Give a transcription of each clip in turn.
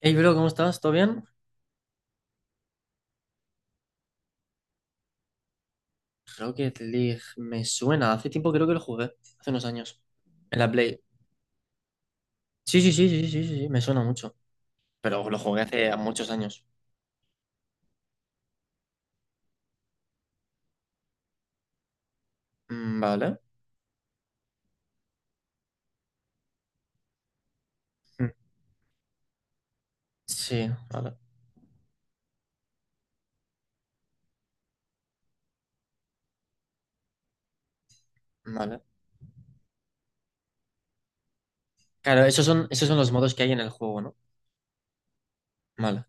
Hey, bro, ¿cómo estás? ¿Todo bien? Rocket League, me suena. Hace tiempo creo que lo jugué, hace unos años. En la Play. Sí, sí, sí, sí, sí, sí, sí, me suena mucho. Pero lo jugué hace muchos años. Vale. Mm, Sí, vale, vale. Claro, esos son los modos que hay en el juego, ¿no? Vale.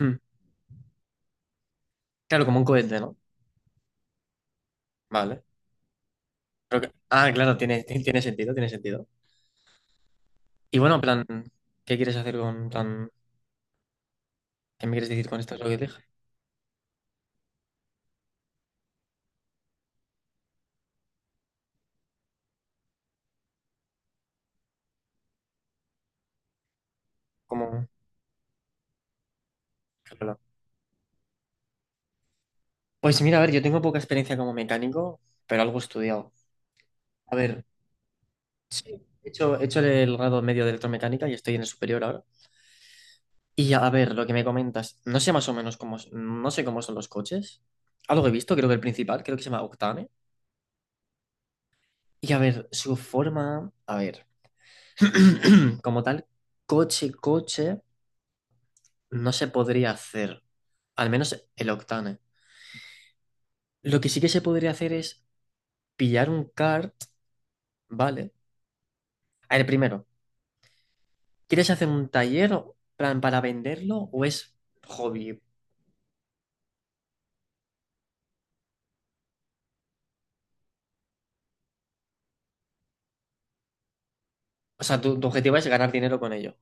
Mm, Claro, como un cohete, ¿no? Vale. Ah, claro, tiene sentido, tiene sentido. Y bueno, ¿qué quieres hacer con qué me quieres decir con esto Rocket League? ¿Cómo? Qué Pues mira, a ver, yo tengo poca experiencia como mecánico, pero algo he estudiado. A ver, sí, he hecho el grado medio de electromecánica y estoy en el superior ahora. Y a ver, lo que me comentas, no sé más o menos no sé cómo son los coches. Algo he visto, creo que se llama Octane. Y a ver, su forma, a ver, como tal, coche, coche, no se podría hacer. Al menos el Octane. Lo que sí que se podría hacer es pillar un kart, ¿vale? A ver, primero, ¿quieres hacer un taller, plan, para venderlo o es hobby? O sea, tu objetivo es ganar dinero con ello.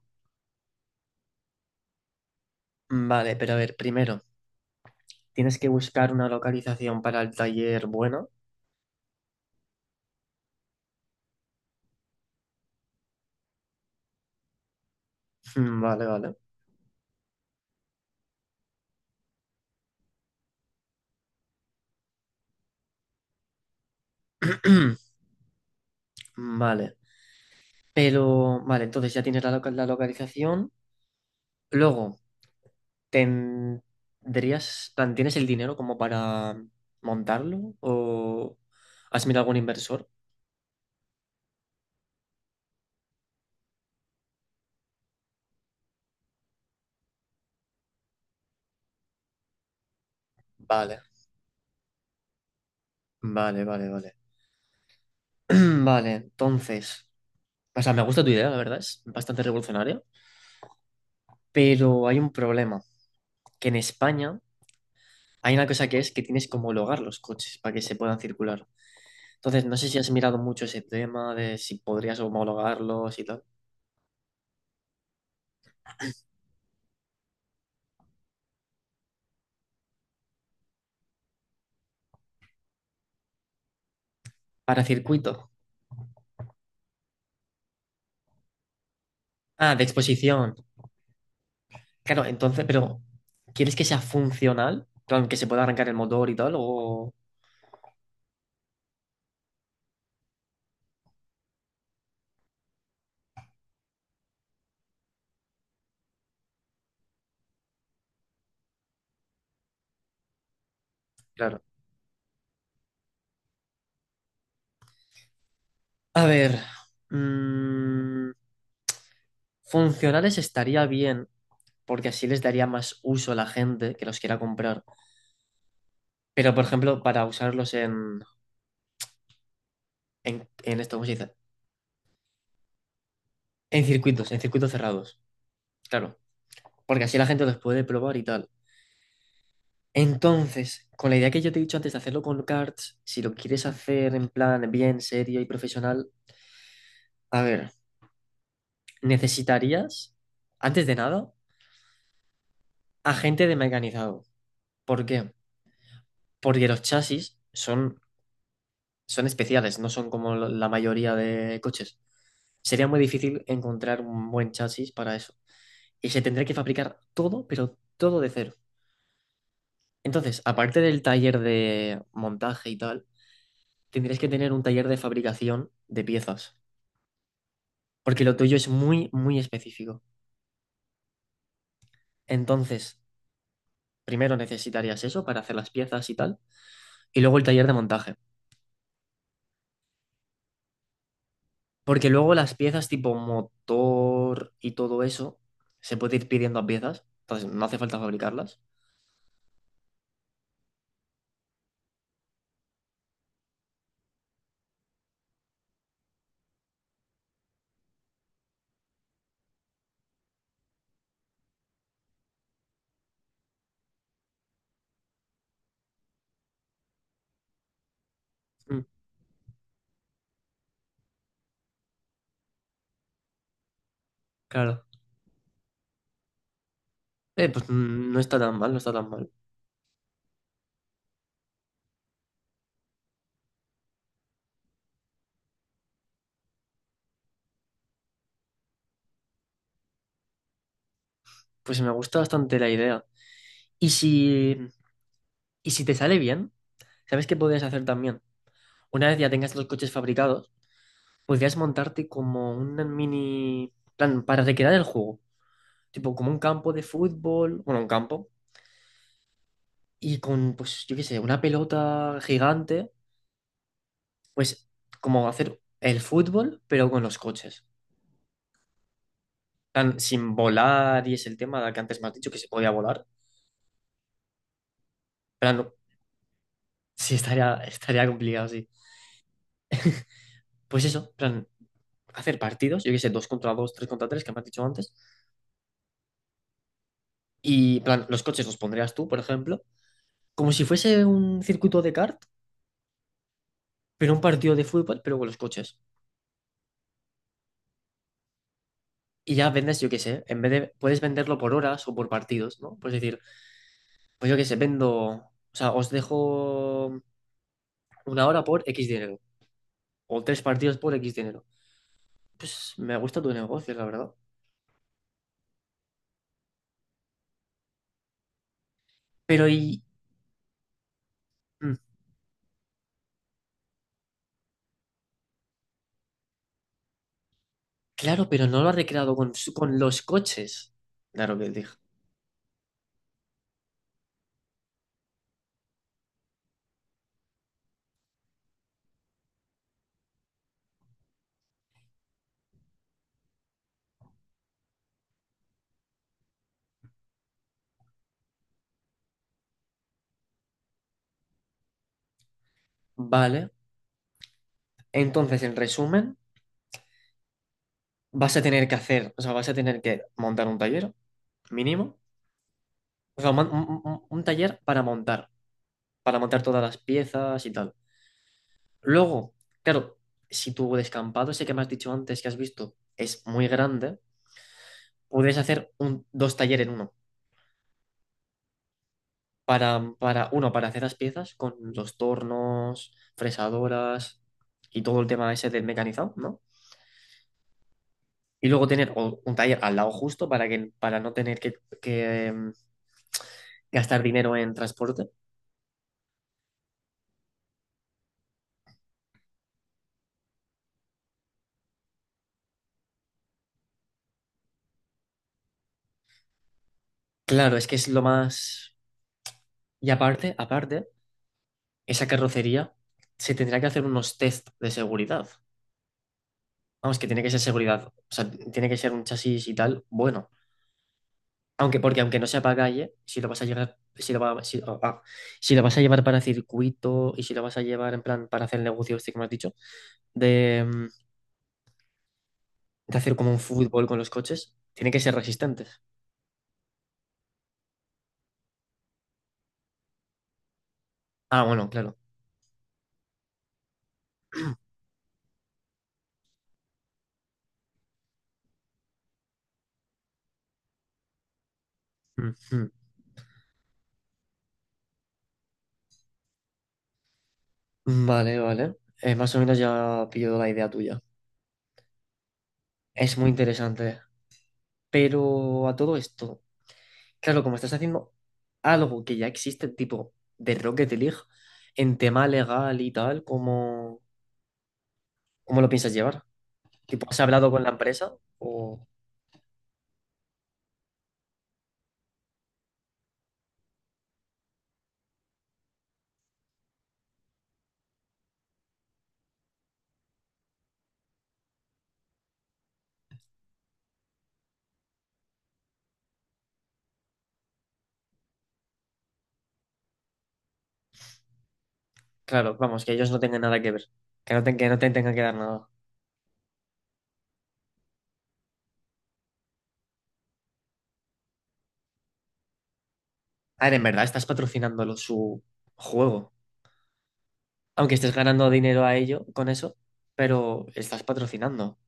Vale, pero a ver, primero, tienes que buscar una localización para el taller bueno. Vale, vale. Vale. Pero, vale, entonces ya tienes la localización. Luego, ¿tendrías, plan, tienes el dinero como para montarlo? ¿O has mirado algún inversor? Vale, vale, vale, vale. Vale, entonces, o sea, me gusta tu idea, la verdad, es bastante revolucionaria, pero hay un problema, que en España hay una cosa que es que tienes que homologar los coches para que se puedan circular. Entonces, no sé si has mirado mucho ese tema de si podrías homologarlos y tal. Para circuito. Ah, de exposición. Claro, entonces, pero ¿quieres que sea funcional? Claro, que se pueda arrancar el motor y tal, o... Claro. A ver, mm, funcionales estaría bien, porque así les daría más uso a la gente que los quiera comprar. Pero, por ejemplo, en esto, ¿cómo se dice? En circuitos cerrados. Claro. Porque así la gente los puede probar y tal. Entonces, con la idea que yo te he dicho antes de hacerlo con cards, si lo quieres hacer en plan bien, serio y profesional, a ver, necesitarías, antes de nada, agente de mecanizado. ¿Por qué? Porque son especiales, no son como la mayoría de coches. Sería muy difícil encontrar un buen chasis para eso. Y se tendría que fabricar todo, pero todo de cero. Entonces, aparte del taller de montaje y tal, tendrías que tener un taller de fabricación de piezas, porque lo tuyo es muy, muy específico. Entonces, primero necesitarías eso para hacer las piezas y tal, y luego el taller de montaje, porque luego las piezas tipo motor y todo eso se puede ir pidiendo a piezas, entonces no hace falta fabricarlas. Mm, claro. Pues no está tan mal, no está tan mal. Pues me gusta bastante la idea. Y si, y si te sale bien, ¿sabes qué podrías hacer también? Una vez ya tengas los coches fabricados, podrías montarte como una mini, plan, para recrear el juego, tipo como un campo de fútbol, bueno, un campo, y con, pues, yo qué sé, una pelota gigante, pues, como hacer el fútbol, pero con los coches, plan, sin volar, y es el tema que antes me has dicho que se podía volar, plan, sí, estaría complicado, sí. Pues eso, plan, hacer partidos, yo qué sé, dos contra dos, tres contra tres, que me has dicho antes, y, plan, los coches los pondrías tú, por ejemplo, como si fuese un circuito de kart, pero un partido de fútbol, pero con los coches. Y ya vendes, yo qué sé, en vez de, puedes venderlo por horas o por partidos, ¿no? Pues decir, pues yo qué sé, vendo, o sea, os dejo una hora por X dinero, o tres partidos por X dinero. Pues me gusta tu negocio, la verdad. Pero y, mm, claro, pero no lo ha recreado con, con los coches. Claro que dije, vale. Entonces, en resumen, vas a tener que hacer, o sea, vas a tener que montar un taller mínimo, o sea, un taller para montar, para montar todas las piezas y tal. Luego, claro, si tu descampado ese que me has dicho antes que has visto es muy grande, puedes hacer un, dos talleres en uno. Para, uno, para hacer las piezas con los tornos, fresadoras y todo el tema ese del mecanizado, ¿no? Y luego tener un taller al lado justo para que, para no tener que, em, gastar dinero en transporte. Claro, es que es lo más... Y aparte, aparte, esa carrocería se tendrá que hacer unos test de seguridad. Vamos, que tiene que ser seguridad. O sea, tiene que ser un chasis y tal. Bueno, aunque porque aunque no sea para calle, si lo vas a llevar si lo va- si, ah, ah, si lo vas a llevar para circuito y si lo vas a llevar en plan para hacer el negocio este que me has dicho, de, mm, de hacer como un fútbol con los coches, tiene que ser resistente. Ah, bueno, claro. Ujú. Vale, vale. Más o menos ya pillo la idea tuya. Es muy interesante. Pero a todo esto. Claro, como estás haciendo algo que ya existe, tipo de Rocket League, en tema legal y tal, ¿cómo lo piensas llevar? Tipo, ¿has hablado con la empresa? O, claro, vamos, que ellos no tengan nada que ver, que no te tengan que dar nada. A ver, en verdad estás patrocinándolo su juego, aunque estés ganando dinero a ello con eso, pero estás patrocinando.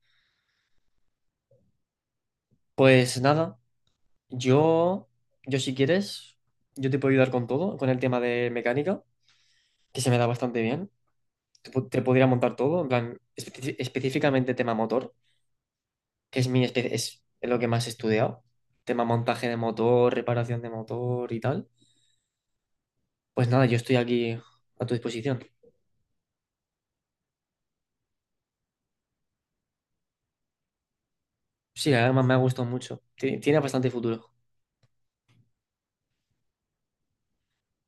Pues nada, yo, yo si quieres, yo te puedo ayudar con todo, con el tema de mecánica, que se me da bastante bien. Te pudiera montar todo, en plan, específicamente tema motor, que es mi es lo que más he estudiado, tema montaje de motor, reparación de motor y tal. Pues nada, yo estoy aquí a tu disposición. Sí, además me ha gustado mucho. Tiene bastante futuro.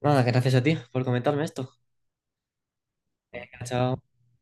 Nada, gracias a ti por comentarme esto. Chao.